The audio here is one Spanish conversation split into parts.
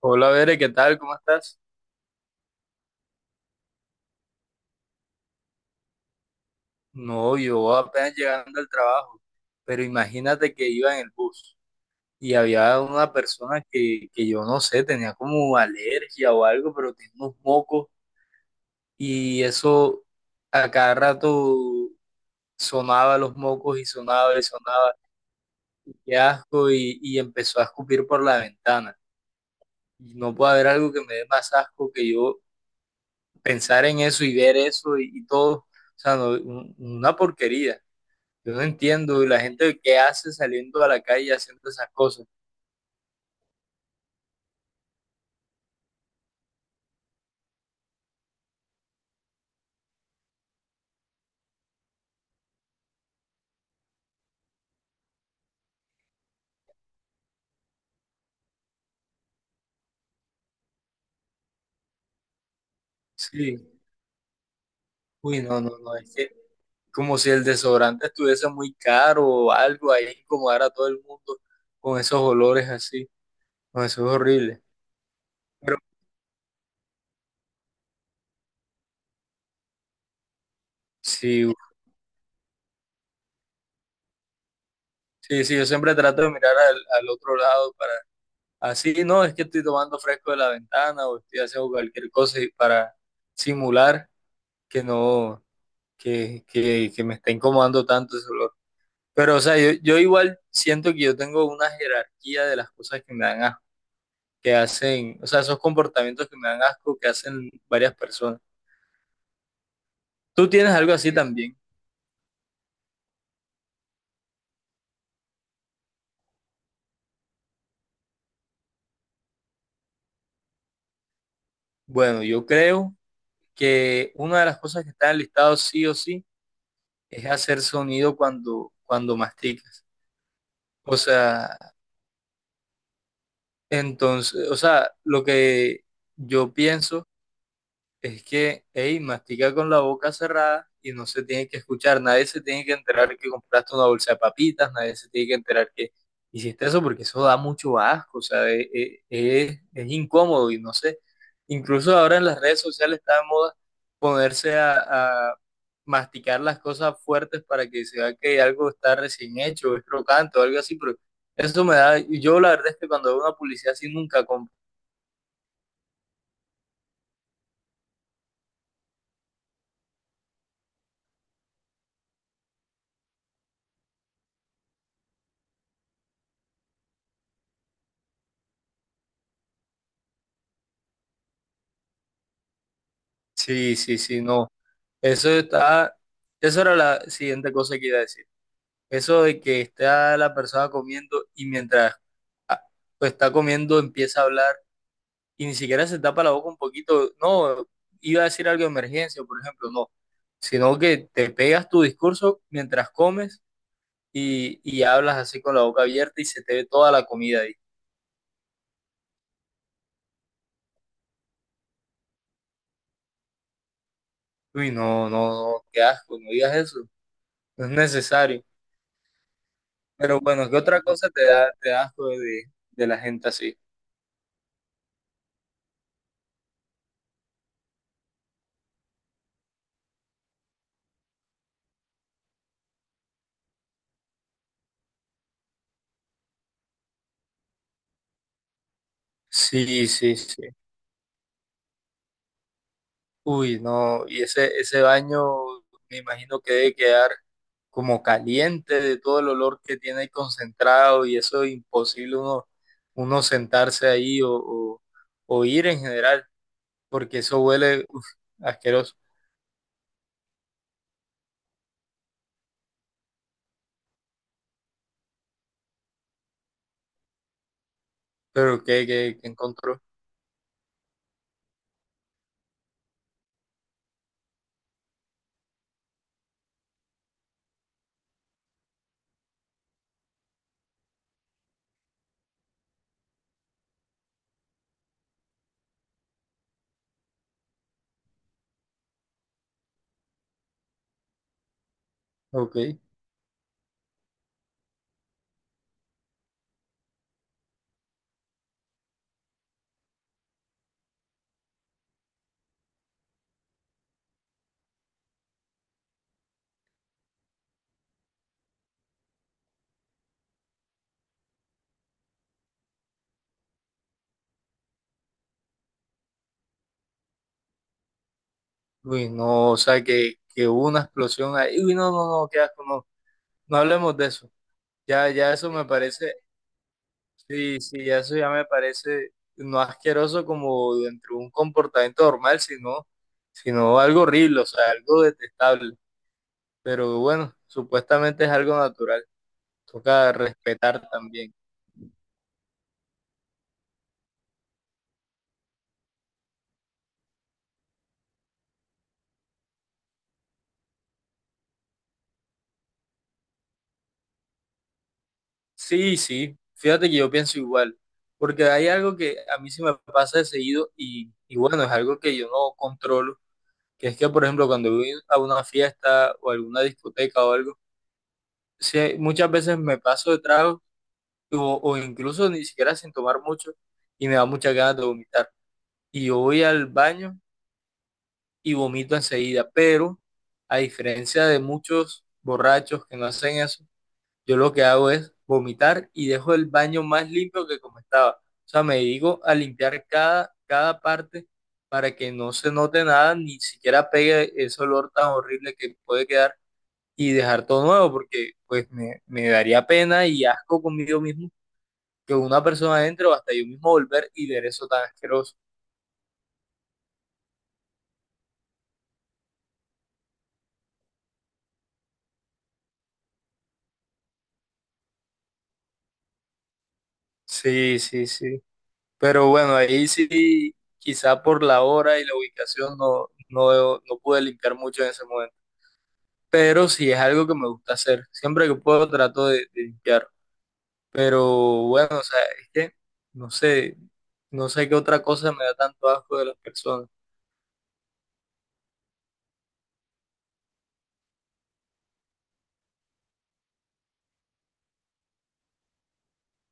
Hola, Bere, ¿qué tal? ¿Cómo estás? No, yo apenas llegando al trabajo, pero imagínate que iba en el bus y había una persona que yo no sé, tenía como alergia o algo, pero tenía unos mocos y eso a cada rato sonaba los mocos y sonaba, qué asco, y empezó a escupir por la ventana. Y no puede haber algo que me dé más asco que yo pensar en eso y ver eso y todo, o sea, no, una porquería. Yo no entiendo y la gente que hace saliendo a la calle haciendo esas cosas. Sí, uy, no, no, no, es que como si el desodorante estuviese muy caro o algo, ahí incomodar a todo el mundo con esos olores así, no, eso es horrible. Pero sí, sí, sí, yo siempre trato de mirar al otro lado para, así, no, es que estoy tomando fresco de la ventana o estoy haciendo cualquier cosa y para simular que no, que me está incomodando tanto ese olor. Pero, o sea, yo igual siento que yo tengo una jerarquía de las cosas que me dan asco, que hacen, o sea, esos comportamientos que me dan asco que hacen varias personas. ¿Tú tienes algo así también? Bueno, yo creo que una de las cosas que está en el listado sí o sí es hacer sonido cuando masticas. O sea, entonces, o sea, lo que yo pienso. Es que, hey, mastica con la boca cerrada y no se tiene que escuchar. Nadie se tiene que enterar que compraste una bolsa de papitas, nadie se tiene que enterar que hiciste eso porque eso da mucho asco, o sea, es incómodo y no sé. Incluso ahora en las redes sociales está de moda ponerse a masticar las cosas fuertes para que se vea que algo está recién hecho, es crocante o algo así, pero eso me da, yo la verdad es que cuando veo una publicidad así nunca compro. Sí, sí, sí, no. Eso está, eso era la siguiente cosa que iba a decir. Eso de que está la persona comiendo y mientras ah, pues, está comiendo empieza a hablar y ni siquiera se tapa la boca un poquito. No, iba a decir algo de emergencia, por ejemplo, no. Sino que te pegas tu discurso mientras comes y hablas así con la boca abierta y se te ve toda la comida ahí. Uy, no, no, no, qué asco, no digas eso. No es necesario. Pero bueno, ¿qué otra cosa te da asco de la gente así? Sí, sí, sí. Uy, no, y ese baño me imagino que debe quedar como caliente de todo el olor que tiene ahí concentrado y eso es imposible uno sentarse ahí o ir en general, porque eso huele uf, asqueroso. Pero ¿ qué encontró? Ok. Uy, no, o sea, que hubo una explosión ahí. Uy, no, no, no, qué asco, no, no hablemos de eso. Ya, ya eso me parece. Sí, sí, eso ya me parece no asqueroso como dentro de un comportamiento normal, sino algo horrible, o sea, algo detestable. Pero bueno, supuestamente es algo natural, toca respetar también. Sí, sí, fíjate que yo pienso igual, porque hay algo que a mí sí me pasa de seguido y bueno, es algo que yo no controlo, que es que, por ejemplo, cuando voy a una fiesta o alguna discoteca o algo, sí, muchas veces me paso de trago o incluso ni siquiera sin tomar mucho y me da muchas ganas de vomitar. Y yo voy al baño y vomito enseguida, pero a diferencia de muchos borrachos que no hacen eso, yo lo que hago es vomitar y dejo el baño más limpio que como estaba. O sea, me dedico a limpiar cada parte para que no se note nada, ni siquiera pegue ese olor tan horrible que puede quedar y dejar todo nuevo, porque pues me daría pena y asco conmigo mismo que una persona entre o hasta yo mismo volver y ver eso tan asqueroso. Sí, sí, sí. Pero bueno, ahí sí, quizá por la hora y la ubicación no, no, no pude limpiar mucho en ese momento. Pero sí es algo que me gusta hacer. Siempre que puedo trato de limpiar. Pero bueno, o sea, es que no sé, no sé qué otra cosa me da tanto asco de las personas.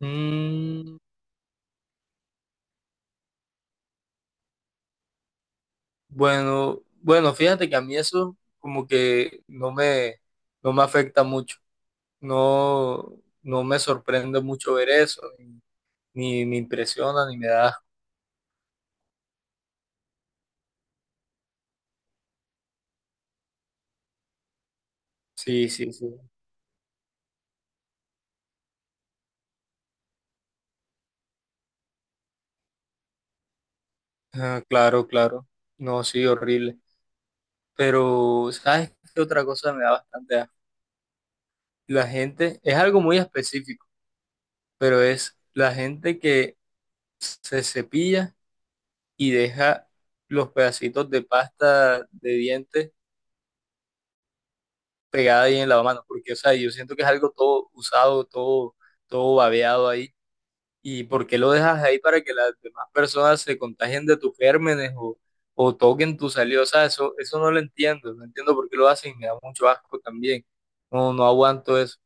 Mm, bueno, bueno, fíjate que a mí eso como que no no me afecta mucho. No, no me sorprende mucho ver eso, ni, ni me impresiona, ni me da asco. Sí, sí, sí. Ah, claro, claro. No, sí, horrible. Pero, ¿sabes qué otra cosa me da bastante asco? La gente, es algo muy específico, pero es la gente que se cepilla y deja los pedacitos de pasta de dientes pegada ahí en la mano, porque, o sea, yo siento que es algo todo usado, todo, todo babeado ahí. ¿Y por qué lo dejas ahí para que las demás personas se contagien de tus gérmenes o toquen tu saliva? O sea, eso no lo entiendo, no entiendo por qué lo hacen y me da mucho asco también. No, no aguanto eso.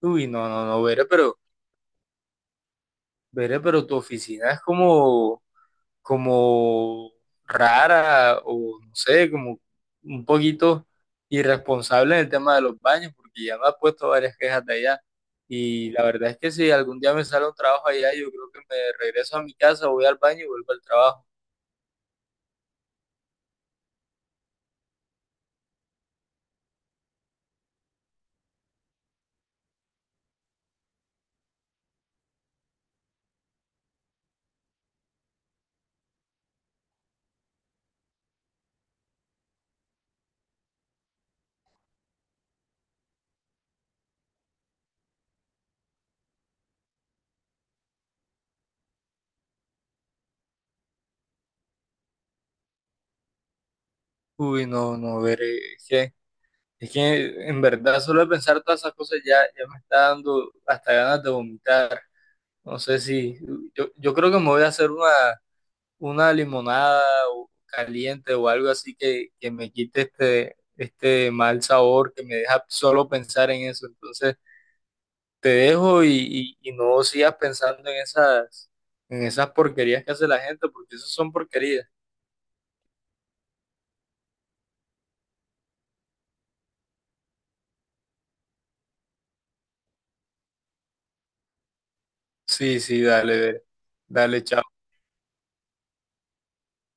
Uy, no, no, no, veré, pero tu oficina es como como rara o no sé, como un poquito irresponsable en el tema de los baños, porque ya me ha puesto varias quejas de allá. Y la verdad es que si algún día me sale un trabajo allá, yo creo que me regreso a mi casa, voy al baño y vuelvo al trabajo. Uy, no, no, veré, es que en verdad solo de pensar todas esas cosas ya, ya me está dando hasta ganas de vomitar. No sé si, yo creo que me voy a hacer una limonada caliente o algo así que me quite este, este mal sabor que me deja solo pensar en eso. Entonces te dejo y no sigas pensando en esas porquerías que hace la gente, porque eso son porquerías. Sí, sí, dale, dale, dale, chao.